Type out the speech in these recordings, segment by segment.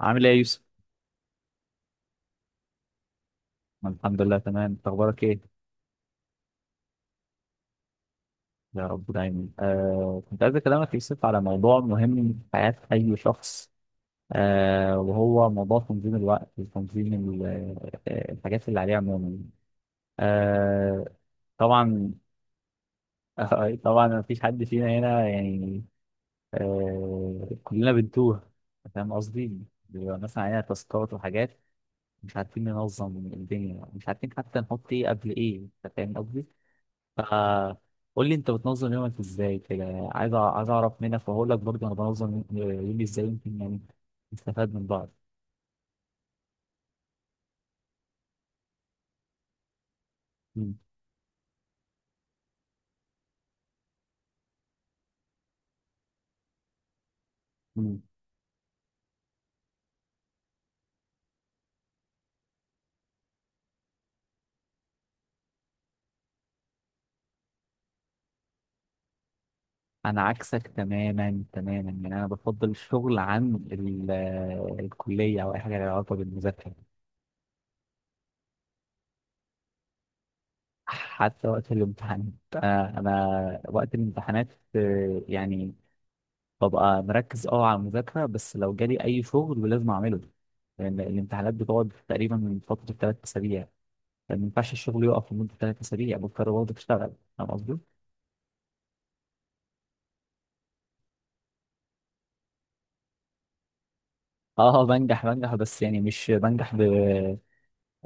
عامل ايه يا يوسف؟ أنا الحمد لله تمام، انت اخبارك ايه؟ يا رب دايما. كنت عايز اكلمك يا يوسف على موضوع مهم في حياة اي شخص. وهو موضوع تنظيم الوقت وتنظيم الحاجات اللي عليه عموما. آه طبعا. طبعا، ما فيش حد فينا هنا يعني. كلنا بنتوه. فاهم قصدي؟ بيبقى مثلا علينا تاسكات وحاجات، مش عارفين ننظم الدنيا، مش عارفين حتى نحط ايه قبل ايه. أنت فاهم قصدي؟ آه قول لي انت بتنظم يومك ازاي كده. عايز اعرف منك، واقول لك برضه انا بنظم يومي ازاي يمكن، يعني نستفاد من بعض. مم. مم. انا عكسك تماما تماما، يعني انا بفضل الشغل عن الكليه او اي حاجه لها علاقه بالمذاكره. حتى وقت الامتحانات، انا وقت الامتحانات، يعني ببقى مركز على المذاكره، بس لو جالي اي شغل لازم اعمله، لان الامتحانات بتقعد تقريبا من فتره 3 اسابيع. ما ينفعش الشغل يقف لمدة 3 أسابيع، بكرة برضه تشتغل. فاهم قصدي؟ اه، بنجح بنجح، بس يعني مش بنجح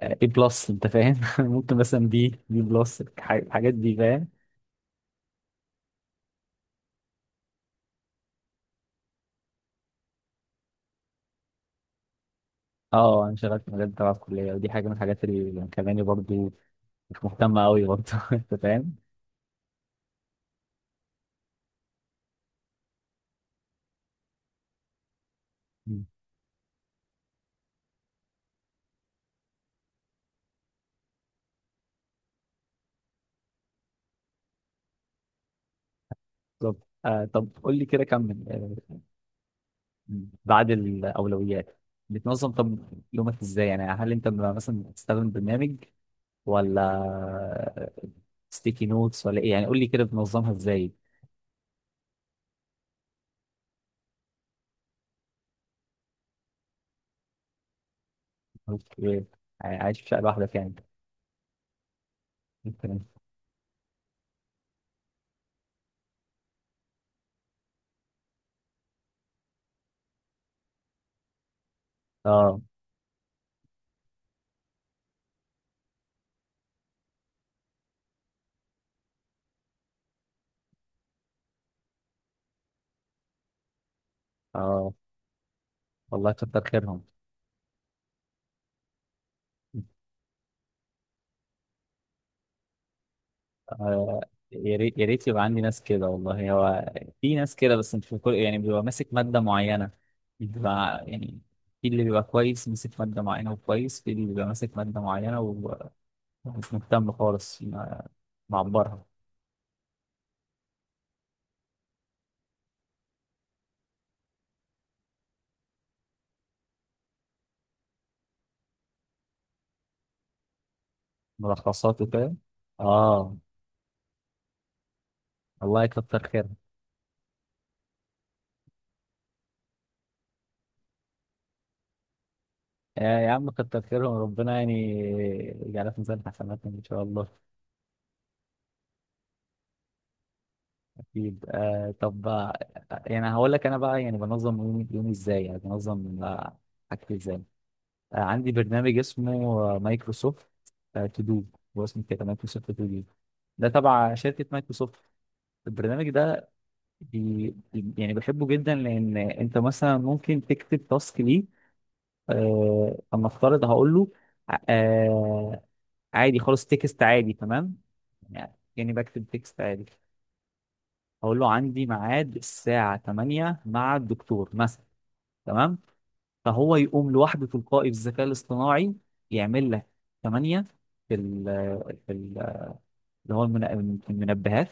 A بلس. أنت فاهم؟ ممكن مثلا بي بلس، الحاجات دي، فاهم؟ اه، أنا شغال في مجال تبع الكلية، ودي حاجة من الحاجات اللي مخلاني برضه مش مهتم أوي برضه. أنت فاهم؟ مم. طب طب قول لي كده كمل. بعد الأولويات بتنظم، طب، يومك ازاي؟ يعني هل انت مثلا بتستخدم برنامج، ولا ستيكي نوتس، ولا ايه؟ يعني قول لي كده بتنظمها ازاي. أوكي. عايش في شقه لوحدك يعني؟ ممكن. إيه؟ اه اه. والله كتر خيرهم. آه يا ريت يا ريت يبقى عندي ناس كده، والله. هو في ناس كده بس مش في كل، يعني بيبقى ماسك ماده معينه، بيبقى يعني في اللي بيبقى كويس ماسك ماده معينه، وكويس. في اللي بيبقى ماسك ماده معينه ومش مهتم خالص معبرها. ملخصات وكده. اه. الله يكتر خيرهم. يا عم، كتر خيرهم، ربنا يعني يجعلها في ميزان حسناتهم ان شاء الله. اكيد. طب يعني هقول لك انا بقى يعني بنظم يومي يومي ازاي، يعني بنظم حاجتي ازاي. عندي برنامج اسمه مايكروسوفت تو دو. هو اسمه كده مايكروسوفت تو دو، ده تبع شركة مايكروسوفت البرنامج ده. يعني بحبه جدا، لان انت مثلا ممكن تكتب تاسك ليه. اما افترض هقول له. آه عادي خالص، تكست عادي، تمام، يعني بكتب تكست عادي. اقول له عندي ميعاد الساعه 8 مع الدكتور مثلا، تمام. فهو يقوم لوحده تلقائي بالذكاء الاصطناعي، يعمل لك 8 في ال، في ال- في المنبهات.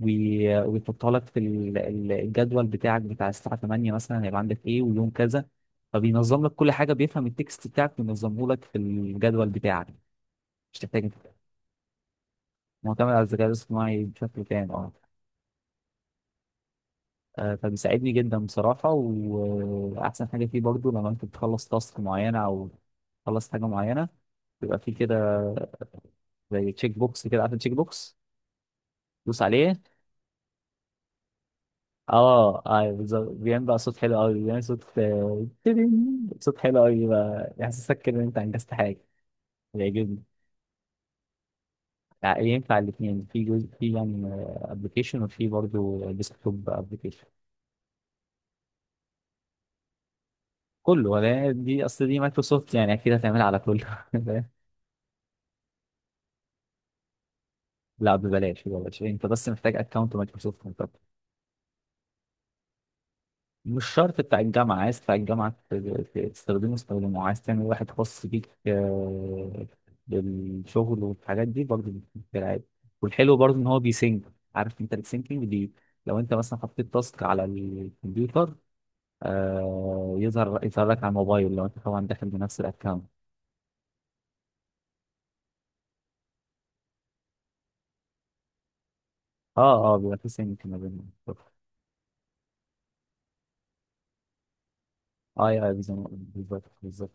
ويحطها لك في الجدول بتاعك بتاع الساعه 8، مثلا هيبقى عندك ايه ويوم كذا. فبينظم لك كل حاجه، بيفهم التكست بتاعك وينظمه لك في الجدول بتاعك. مش تحتاج معتمد على الذكاء الاصطناعي بشكل كامل. اه فبيساعدني جدا بصراحة. وأحسن حاجة فيه برضو، لما أنت بتخلص تاسك معينة أو تخلص حاجة معينة، بيبقى فيه كده زي تشيك بوكس. كده عارف التشيك بوكس؟ دوس عليه. اه اه بالظبط، بيعمل بقى صوت حلو قوي، بيعمل صوت تدين. صوت حلو قوي بقى، يحسسك كده ان انت انجزت حاجه. بيعجبني. ينفع الاثنين، في جزء في يعني ابلكيشن، وفي برضه ديسكتوب ابلكيشن. كله، ولا دي اصل دي مايكروسوفت، يعني اكيد هتعملها على كله. لا ببلاش ببلاش، انت بس محتاج اكونت مايكروسوفت انت. مش شرط بتاع الجامعه، عايز بتاع الجامعه تستخدمه استخدمه، عايز تعمل واحد خاص بيك بالشغل والحاجات دي برضه، في العادي. والحلو برضه ان هو بيسync. عارف انت السينكينج دي؟ لو انت مثلا حطيت تاسك على الكمبيوتر، يظهر لك على الموبايل، لو انت طبعا داخل بنفس الاكونت. اه اه، بيبقى في سينك ما بينهم. اه يا، بالظبط بالظبط.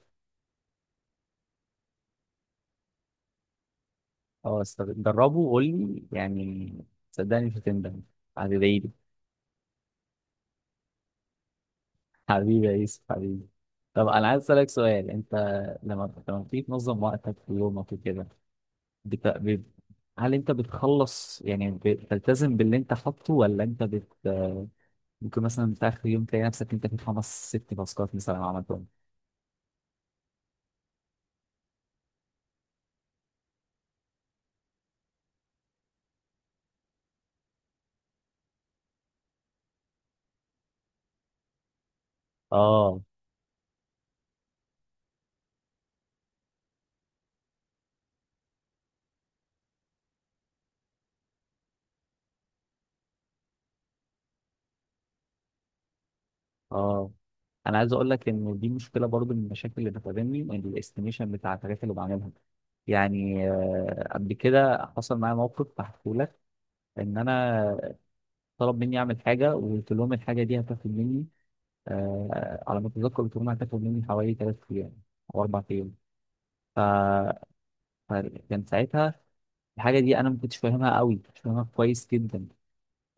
اه، جربه وقول لي يعني، صدقني مش هتندم، هتدعي لي. حبيبي يا يوسف، حبيبي. طب، انا عايز اسالك سؤال انت، لما بتيجي تنظم وقتك في يومك وكده، بت... ب... هل انت بتخلص، يعني بتلتزم باللي انت حاطه، ولا انت ممكن مثلا في اخر يوم تلاقي نفسك انت في خمس ست تاسكات مثلا عملتهم. اه اه، انا عايز اقول لك ان دي مشكله برضو من المشاكل اللي بتقابلني، ان الاستيميشن بتاع الحاجات اللي بعملها، يعني قبل كده حصل معايا موقف هحكيه لك، ان انا طلب مني اعمل حاجه، وقلت لهم الحاجه دي هتاخد مني، على ما اتذكر قلت لهم هتاخد مني حوالي 3 ايام او 4 ايام. ف... فكان ساعتها الحاجه دي انا ما كنتش فاهمها قوي، مش فاهمها كويس جدا.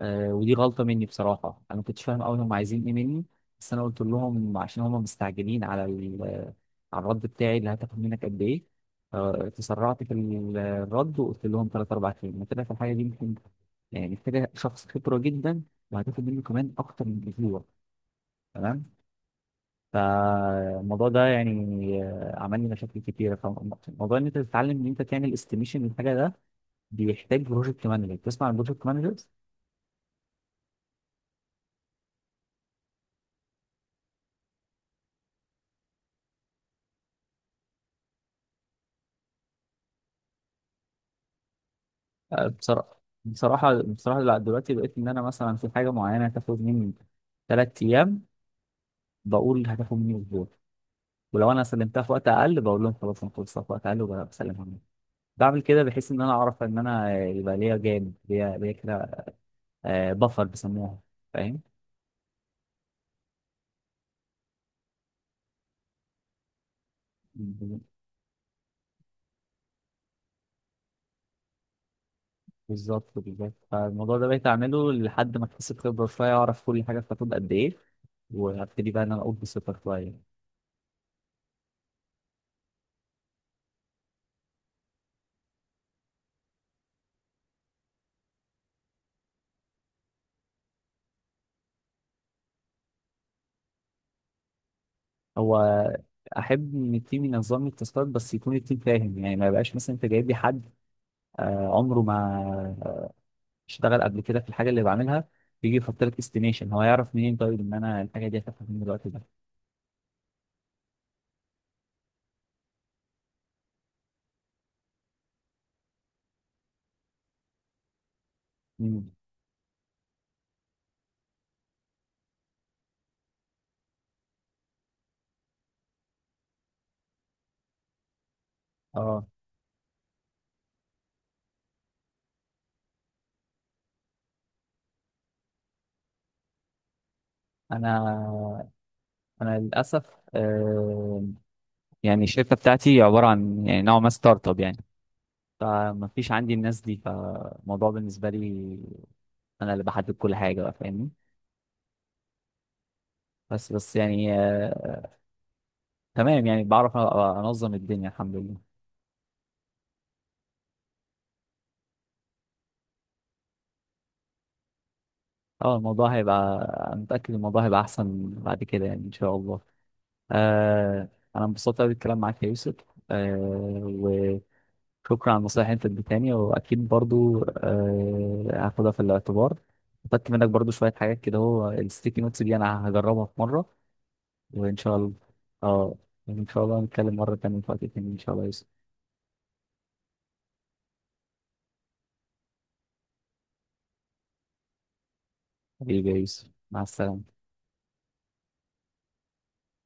ودي غلطة مني بصراحة، أنا ما كنتش فاهم أوي هم عايزين إيه مني، بس أنا قلت لهم عشان هم مستعجلين على على الرد بتاعي، اللي هتاخد منك قد إيه. تسرعت في الرد وقلت لهم تلات أربع كلمات، طلع في الحاجة دي ممكن يعني محتاجة شخص خبرة جدا، وهتاخد منه كمان أكتر من أسبوع، تمام. فالموضوع ده يعني عمل لي مشاكل كتيرة. فموضوع إن أنت تتعلم إن أنت تعمل استيميشن للحاجة ده، بيحتاج بروجكت مانجر. تسمع عن بروجكت مانجر؟ بصراحة بصراحة بصراحة لا، دلوقتي بقيت إن أنا مثلا في حاجة معينة هتاخد مني 3 أيام، بقول هتاخد مني أسبوع. ولو أنا سلمتها في وقت أقل، بقول لهم خلاص أنا خلصتها في وقت أقل، وبسلمها مني. بعمل كده بحيث إن أنا أعرف إن أنا يبقى ليا جانب، ليا كده. بفر بيسموها، فاهم؟ بالظبط بالظبط. فالموضوع ده بقيت أعمله لحد ما أكتسب خبرة شوية، أعرف كل حاجة بتاخد قد إيه، وهبتدي بقى إن أنا أقول بثقة شوية. هو احب ان التيم ينظم لي التاسكات، بس يكون التيم فاهم، يعني ما يبقاش مثلا انت جايب لي حد عمره ما اشتغل قبل كده في الحاجه اللي بعملها، بيجي يحط لك استيميشن. هو يعرف منين طيب ان انا الحاجه دي هتاخد من الوقت ده؟ مم. اه، انا انا للاسف يعني الشركه بتاعتي عباره عن يعني نوع ما ستارت اب يعني. فما فيش عندي الناس دي، فالموضوع بالنسبه لي انا اللي بحدد كل حاجه بقى، فاهمني. بس يعني تمام، يعني بعرف انظم الدنيا الحمد لله. اه، الموضوع هيبقى، أنا متأكد الموضوع هيبقى احسن بعد كده يعني ان شاء الله. آه انا انبسطت قوي بالكلام معاك يا يوسف، وشكرا على النصايح اللي انت اديتهاني، واكيد برضو هاخدها في الاعتبار. خدت منك برضو شوية حاجات كده، هو الستيكي نوتس دي انا هجربها في مرة وان شاء الله. اه، ان شاء الله نتكلم مرة تانية في وقت تاني ان شاء الله يا يوسف. حبيبي يا يوسف، مع السلامة.